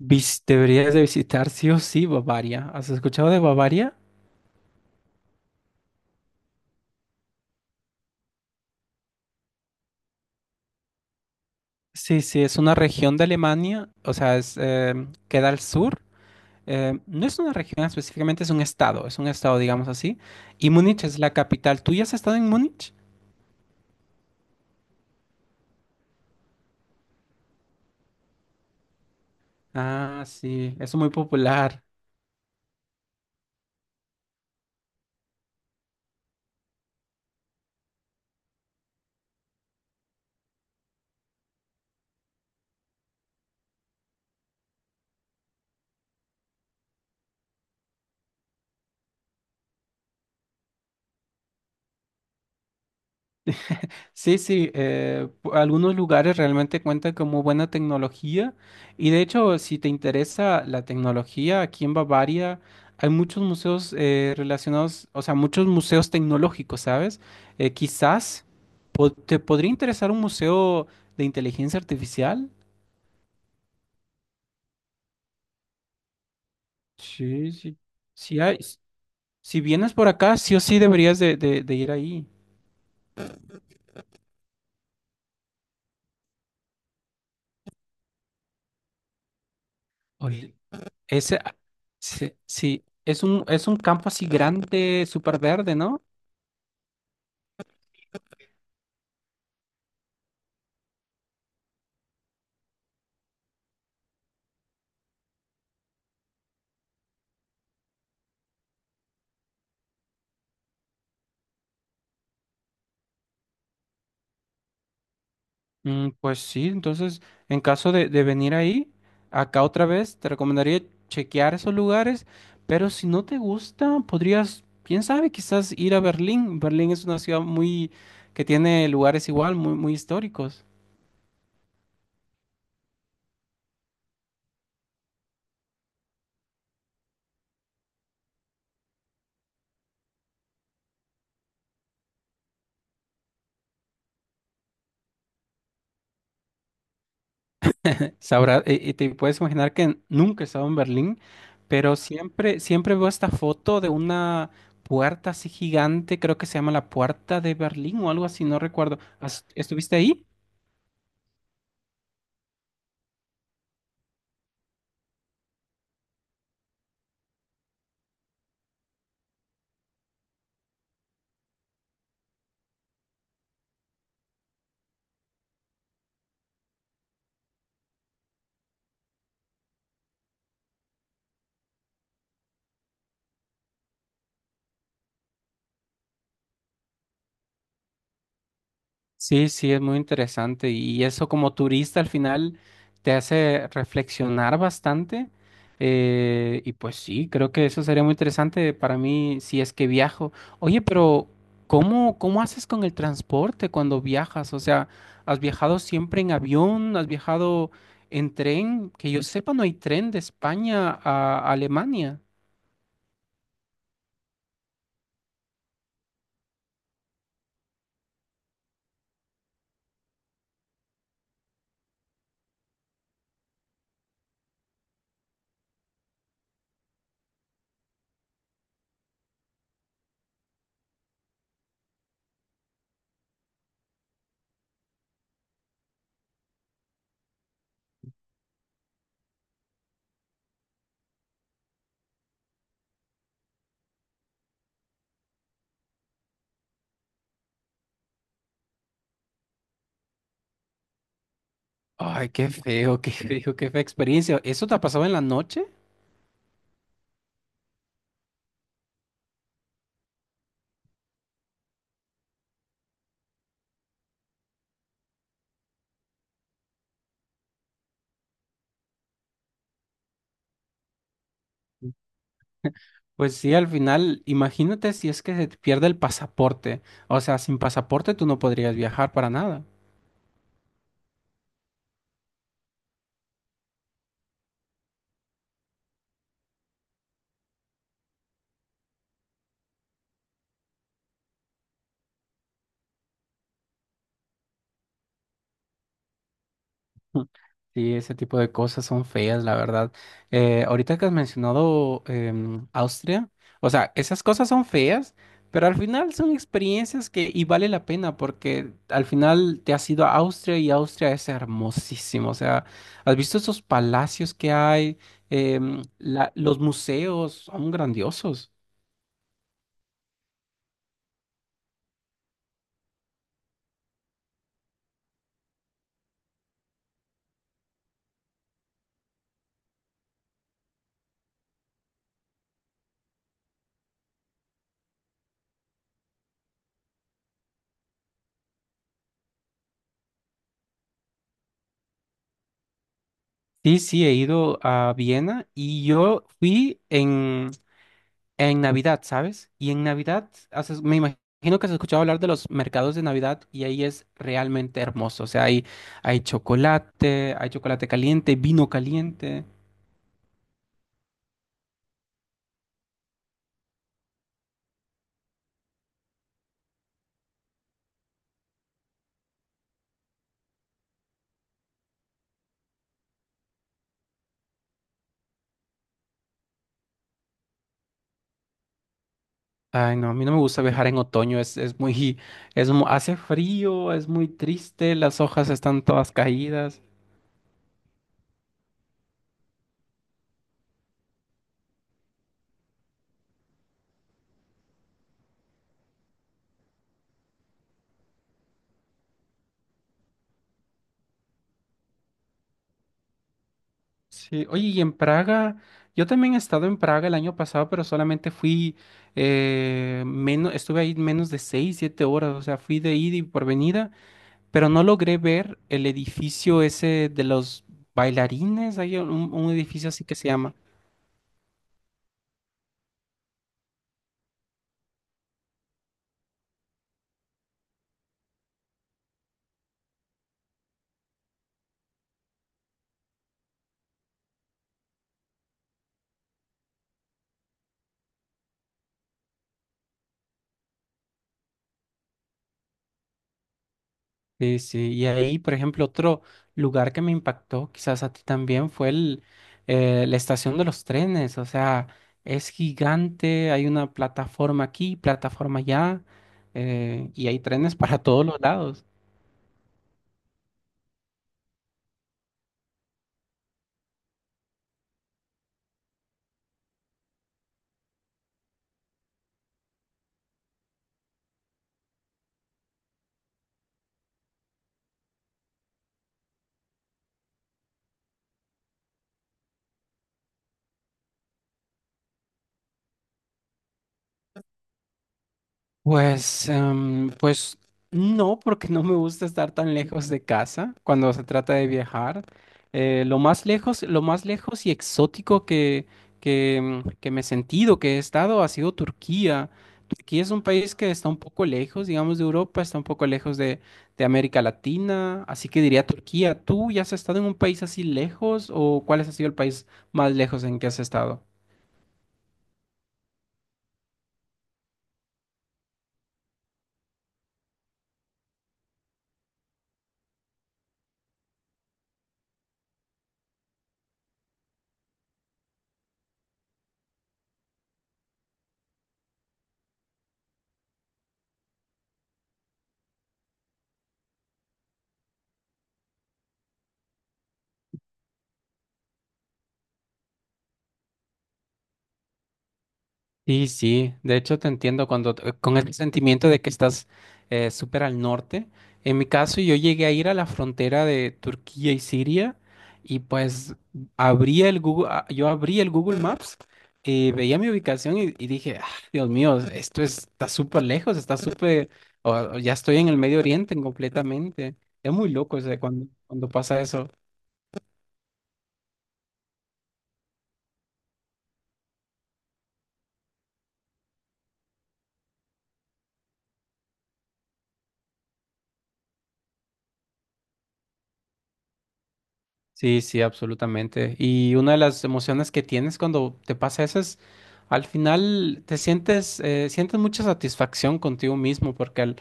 Deberías de visitar sí o sí Bavaria. ¿Has escuchado de Bavaria? Sí, sí, es una región de Alemania, o sea, es, queda al sur. No es una región específicamente, es un estado, digamos así. Y Múnich es la capital. ¿Tú ya has estado en Múnich? Ah, sí, es muy popular. Sí, sí, algunos lugares realmente cuentan con muy buena tecnología, y de hecho si te interesa la tecnología, aquí en Bavaria hay muchos museos relacionados, o sea, muchos museos tecnológicos, ¿sabes? Quizás te podría interesar un museo de inteligencia artificial. Sí, sí. Si hay, si vienes por acá, sí o sí deberías de ir ahí. Ol- Ese, sí, sí, es un campo así grande, súper verde, ¿no? Mm, pues sí, entonces en caso de venir ahí, acá otra vez, te recomendaría chequear esos lugares, pero si no te gusta, podrías, quién sabe, quizás ir a Berlín. Berlín es una ciudad muy que tiene lugares igual, muy, muy históricos. Sabrá, y te puedes imaginar que nunca he estado en Berlín, pero siempre, siempre veo esta foto de una puerta así gigante, creo que se llama la Puerta de Berlín o algo así, no recuerdo. ¿Estuviste ahí? Sí, sí, es muy interesante y eso como turista al final te hace reflexionar bastante, y pues sí, creo que eso sería muy interesante para mí si es que viajo. Oye, pero ¿cómo, cómo haces con el transporte cuando viajas? O sea, ¿has viajado siempre en avión? ¿Has viajado en tren? Que yo sepa, no hay tren de España a Alemania. Ay, qué feo, qué feo, qué fea experiencia. ¿Eso te ha pasado en la noche? Pues sí, al final, imagínate si es que se te pierde el pasaporte. O sea, sin pasaporte tú no podrías viajar para nada. Sí, ese tipo de cosas son feas, la verdad. Ahorita que has mencionado Austria, o sea, esas cosas son feas, pero al final son experiencias que y vale la pena porque al final te has ido a Austria y Austria es hermosísimo. O sea, has visto esos palacios que hay. Los museos son grandiosos. Sí, sí, he ido a Viena y yo fui en Navidad, ¿sabes? Y en Navidad, me imagino que has escuchado hablar de los mercados de Navidad y ahí es realmente hermoso. O sea, hay chocolate caliente, vino caliente. Ay, no, a mí no me gusta viajar en otoño, es muy, hace frío, es muy triste, las hojas están todas caídas. Sí, oye, y en Praga, yo también he estado en Praga el año pasado, pero solamente fui, estuve ahí menos de seis, siete horas, o sea, fui de ida y por venida, pero no logré ver el edificio ese de los bailarines, hay un edificio así que se llama. Sí, sí, y ahí, por ejemplo, otro lugar que me impactó, quizás a ti también, fue la estación de los trenes, o sea, es gigante, hay una plataforma aquí, plataforma allá, y hay trenes para todos los lados. Pues no, porque no me gusta estar tan lejos de casa cuando se trata de viajar. Lo más lejos y exótico que me he sentido, que he estado, ha sido Turquía. Turquía es un país que está un poco lejos, digamos, de Europa, está un poco lejos de América Latina, así que diría Turquía. ¿Tú ya has estado en un país así lejos o cuál ha sido el país más lejos en que has estado? Sí, sí, de hecho te entiendo cuando con el sentimiento de que estás súper al norte. En mi caso, yo llegué a ir a la frontera de Turquía y Siria y pues abría el Google, a- yo abrí el Google Maps y veía mi ubicación y dije, "Ah, Dios mío, está súper lejos, está súper, o ya estoy en el Medio Oriente completamente. Es muy loco, o sea, cuando, cuando pasa eso. Sí, sí, absolutamente. Y una de las emociones que tienes cuando te pasa eso es, al final te sientes, sientes mucha satisfacción contigo mismo porque al-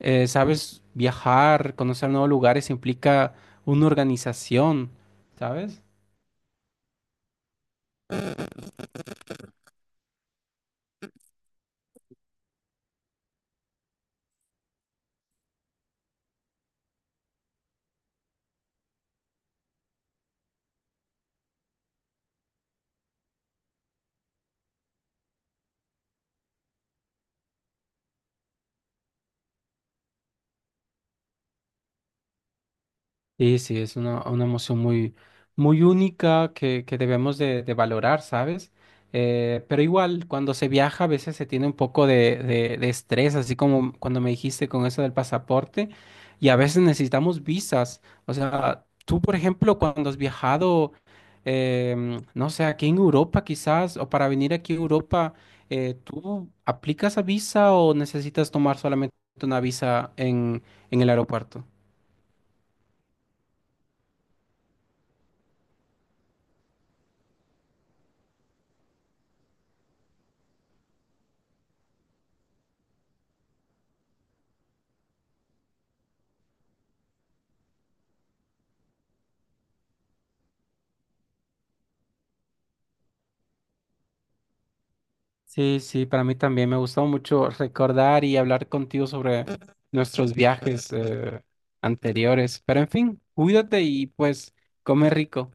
eh, sabes viajar, conocer nuevos lugares implica una organización, ¿sabes? Sí, sí, es una emoción muy, muy única que debemos de valorar, ¿sabes? Pero igual, cuando se viaja a veces se tiene un poco de estrés, así como cuando me dijiste con eso del pasaporte, y a veces necesitamos visas. O sea, tú, por ejemplo, cuando has viajado, no sé, aquí en Europa quizás, o para venir aquí a Europa, ¿tú aplicas a visa o necesitas tomar solamente una visa en el aeropuerto? Sí, sí, para mí también me gustó mucho recordar y hablar contigo sobre nuestros viajes anteriores. Pero en fin, cuídate y pues come rico.